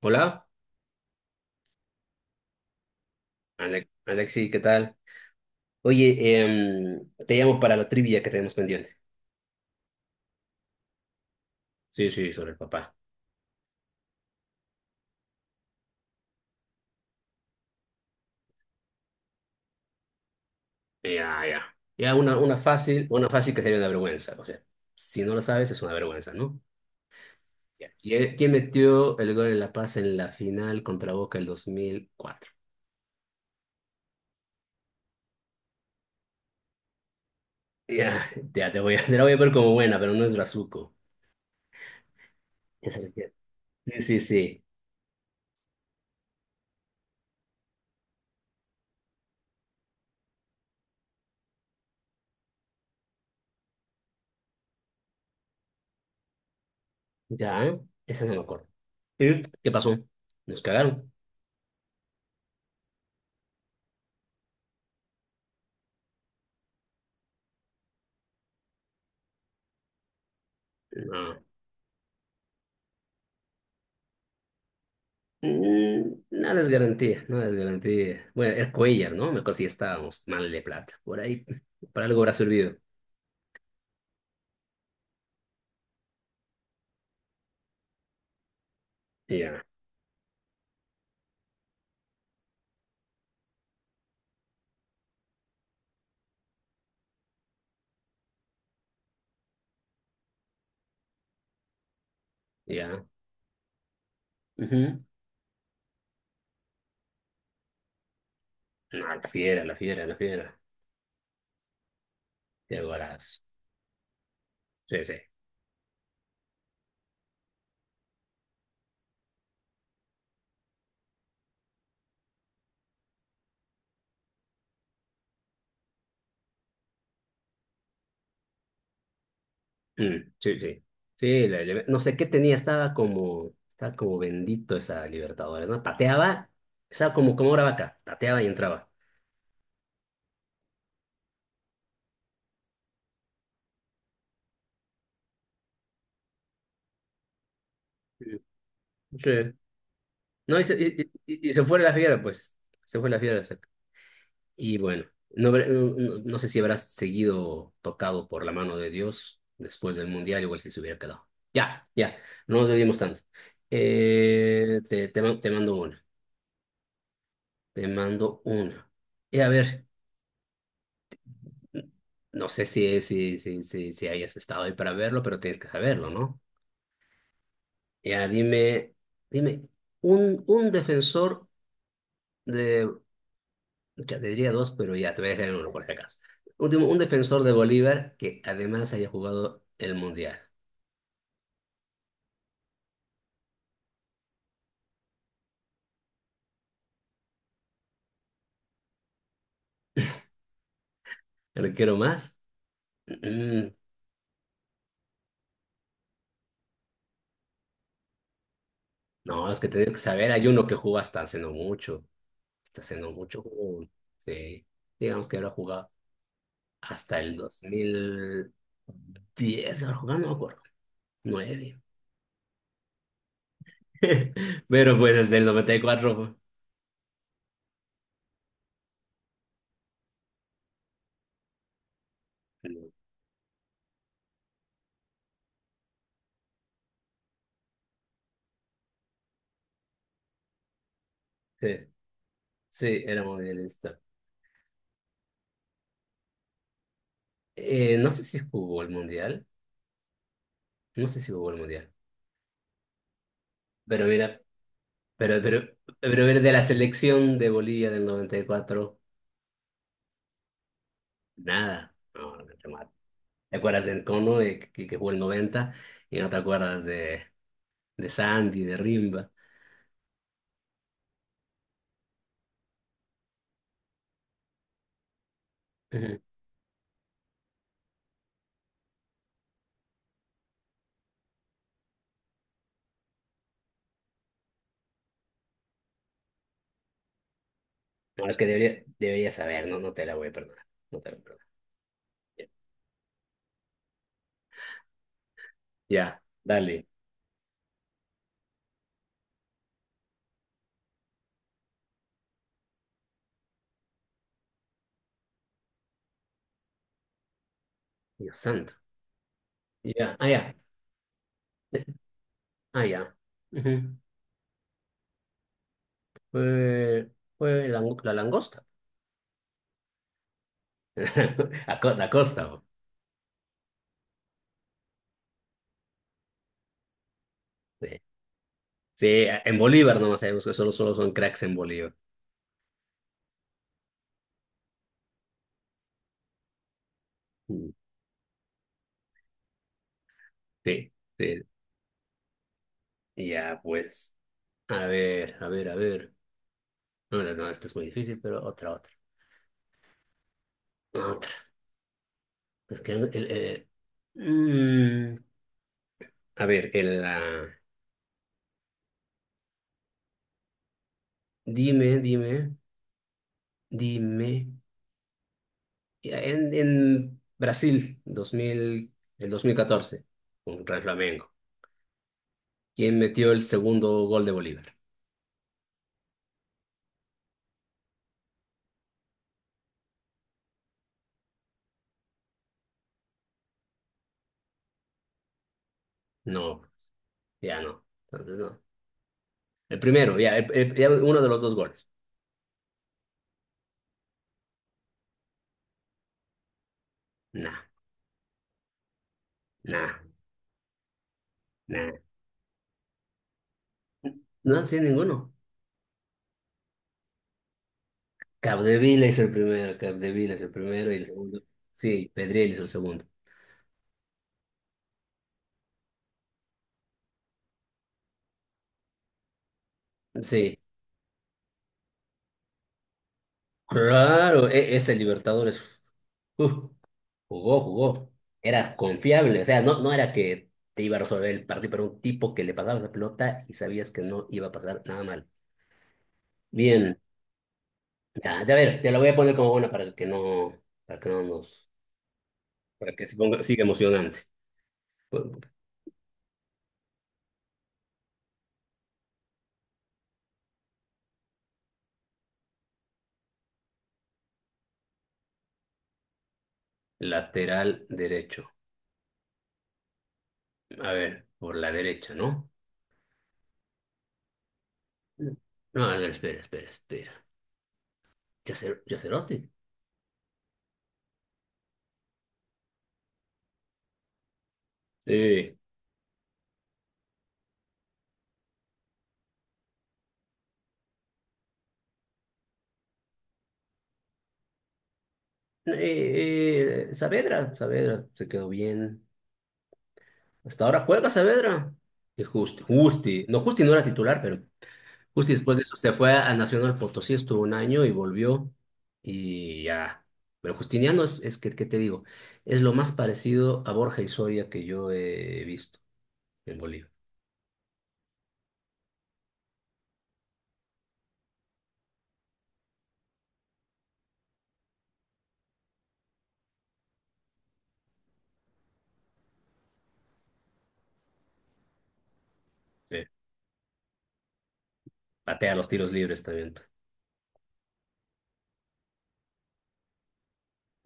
Hola, Alexi, ¿qué tal? Oye, te llamo para la trivia que tenemos pendiente. Sí, sí, sobre el papá. Ya, ya. Ya, una fácil, una fácil que sería una vergüenza. O sea, si no lo sabes, es una vergüenza, ¿no? Ya. ¿Quién metió el gol en La Paz en la final contra Boca el 2004? Ya, te la voy a ver como buena, pero no es Brazuco. Es el que- Sí, sí, sí. Ya, ¿eh? Esa no me acuerdo. ¿Qué pasó? ¿Nos cagaron? No. Nada es garantía, nada es garantía. Bueno, era Cuellar, ¿no? Me acuerdo si estábamos mal de plata. Por ahí, para algo habrá servido. Ya, ya. Ujú. No, la fiera, la fiera, la fiera. Qué golazo. Sí, sí. Mm, sí, sí. Sí, no sé qué tenía, estaba como bendito esa Libertadores, ¿no? Pateaba, estaba como una vaca, pateaba y entraba. Sí. Sí. No, y se fue la fiera, pues. Se fue la fiera. Y bueno, no sé si habrás seguido tocado por la mano de Dios después del Mundial, igual si se hubiera quedado. Ya, ya, no nos debimos tanto. Te mando una, te mando una, Y a ver, no sé si hayas estado ahí para verlo, pero tienes que saberlo, ¿no? Ya, dime, dime, un defensor de, ya te diría dos, pero ya, te voy a dejar en uno por si acaso. Último, un defensor de Bolívar que además haya jugado el Mundial. ¿Arquero más? Mm, No, es que tengo que saber, hay uno que jugó hasta hace no mucho, jugó, sí, digamos que habrá jugado hasta el 2010 habrá jugado, no me acuerdo, nueve, pero pues desde el 94, fue. Sí, sí, era mundialista. No sé si jugó el mundial, no sé si jugó el mundial, pero mira, pero, pero, de la selección de Bolivia del 94, nada, no, no, no. ¿Te acuerdas de Encono, que jugó el noventa? Y no te acuerdas de Sandy, de Rimba. Ujú. No, es que debería saber, no, no te la voy a perdonar. No te la voy a perdonar. Ya, dale. Dios santo. Ya, ah, ya. eh, Ah, ya. Ujú. Fue, fue la langosta. La costa. Bo. Sí. Sí, en Bolívar nomás sabemos que solo son cracks en Bolívar. Mm. Sí, sí. Ya, pues. A ver, a ver, a ver. No, no, no, esto es muy difícil, pero otra, otra. Otra. Porque mm, a ver, dime, dime, dime. Ya, en Brasil, 2000 el 2014 contra el Flamengo. ¿Quién metió el segundo gol de Bolívar? No, ya no. Entonces no. El primero, ya, ya uno de los dos goles. Nah, nah, nah. No, sí, ninguno. Capdevila hizo el primero y el segundo. Sí, Pedriel hizo el segundo. Sí, claro, ese Libertadores uf, jugó, jugó. Era confiable, o sea, no era que te iba a resolver el partido, pero un tipo que le pasaba esa pelota y sabías que no iba a pasar nada mal. Bien, ya, ya a ver, te la voy a poner como buena para que no nos, para que se ponga, siga emocionante. Lateral derecho. A ver, por la derecha, ¿no? No, a ver, espera, espera, espera. Yacerote. Eh, Saavedra se quedó bien. Hasta ahora juega Saavedra. Y no, Justi no era titular, pero Justi después de eso se fue a Nacional Potosí, estuvo un año y volvió y ya. Pero Justiniano es que, ¿qué te digo? Es lo más parecido a Borja y Soria que yo he visto en Bolivia. Sí. Patea los tiros libres también.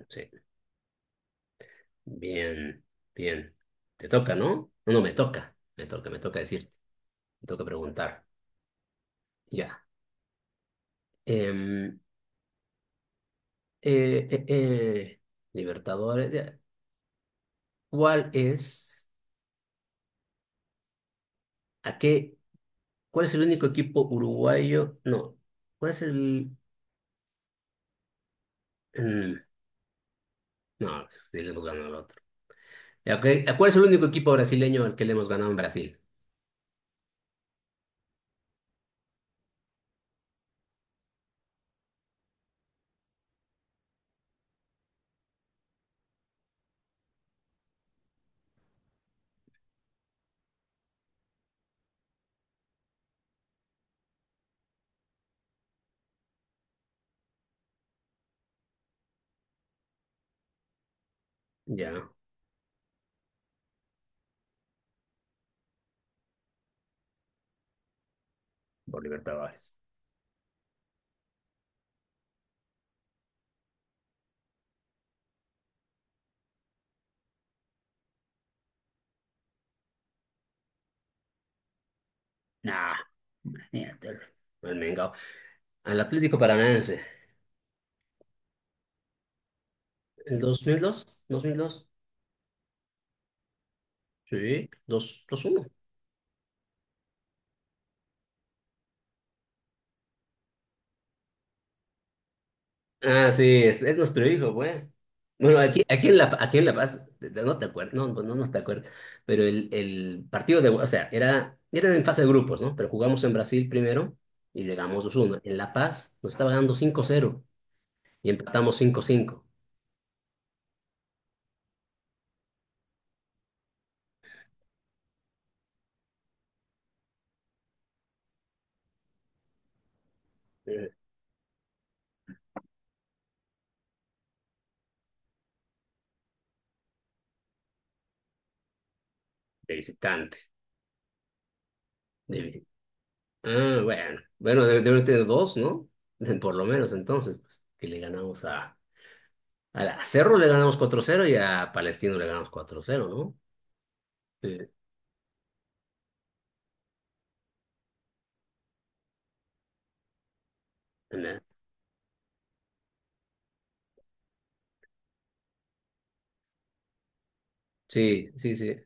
Sí, bien, bien. Te toca, ¿no? No, no, me toca decirte, me toca preguntar. Ya. Em, eh, eh, eh, Libertadores. Ya. ¿Cuál es, a qué, cuál es el único equipo uruguayo? No, ¿cuál es el… mm, no, sí le hemos ganado al otro. Ya, ok, ¿a ¿Cuál es el único equipo brasileño al que le hemos ganado en Brasil? Ya, por Libertadores. Nah, mierda, el Mengao. Al Atlético Paranaense. ¿El 2002? Dos mil dos. Sí, 2-1. Ah, sí, es nuestro hijo, pues. Bueno, aquí en La Paz, no te acuerdas, no, pues, no, no te acuerdas, pero el partido de, o sea, era, eran en fase de grupos, ¿no? Pero jugamos en Brasil primero y llegamos 2-1. En La Paz nos estaba ganando 5-0 y empatamos 5-5. eh, de visitante. de vi- Ah, bueno, bueno, debe tener dos, ¿no? Por lo menos entonces, pues, que le ganamos a Cerro le ganamos 4-0 y a Palestino le ganamos 4-0, ¿no? Sí, en la- sí, sí, sí.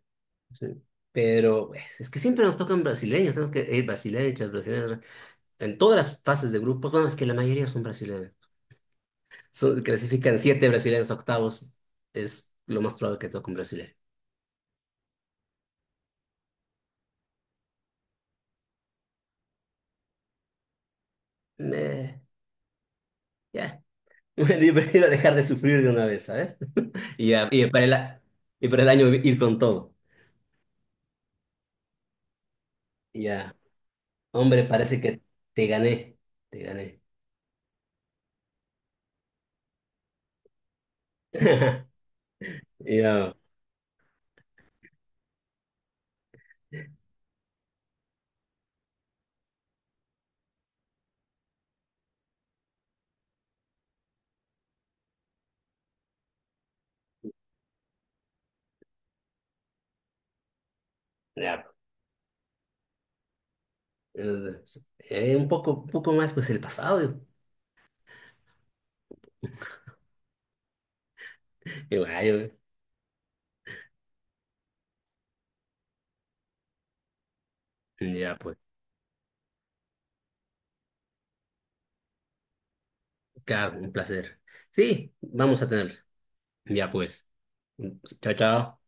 Sí. Pero pues, es que siempre nos tocan brasileños, tenemos que ir brasileños, brasileños, en todas las fases de grupos, bueno, es que la mayoría son brasileños. Clasifican siete brasileños a octavos, es lo más probable que toque un brasileño. Me- ya. Bueno, yo prefiero dejar de sufrir de una vez, ¿sabes? Y, ya, y, para el, a- y para el año ir con todo. Ya, hombre, parece que te gané, te gané. Ya, ya. Pues, un poco, más, pues el pasado. Igual, ya, pues. Claro, un placer. Sí, vamos a tener. Ya pues. Chao, chao.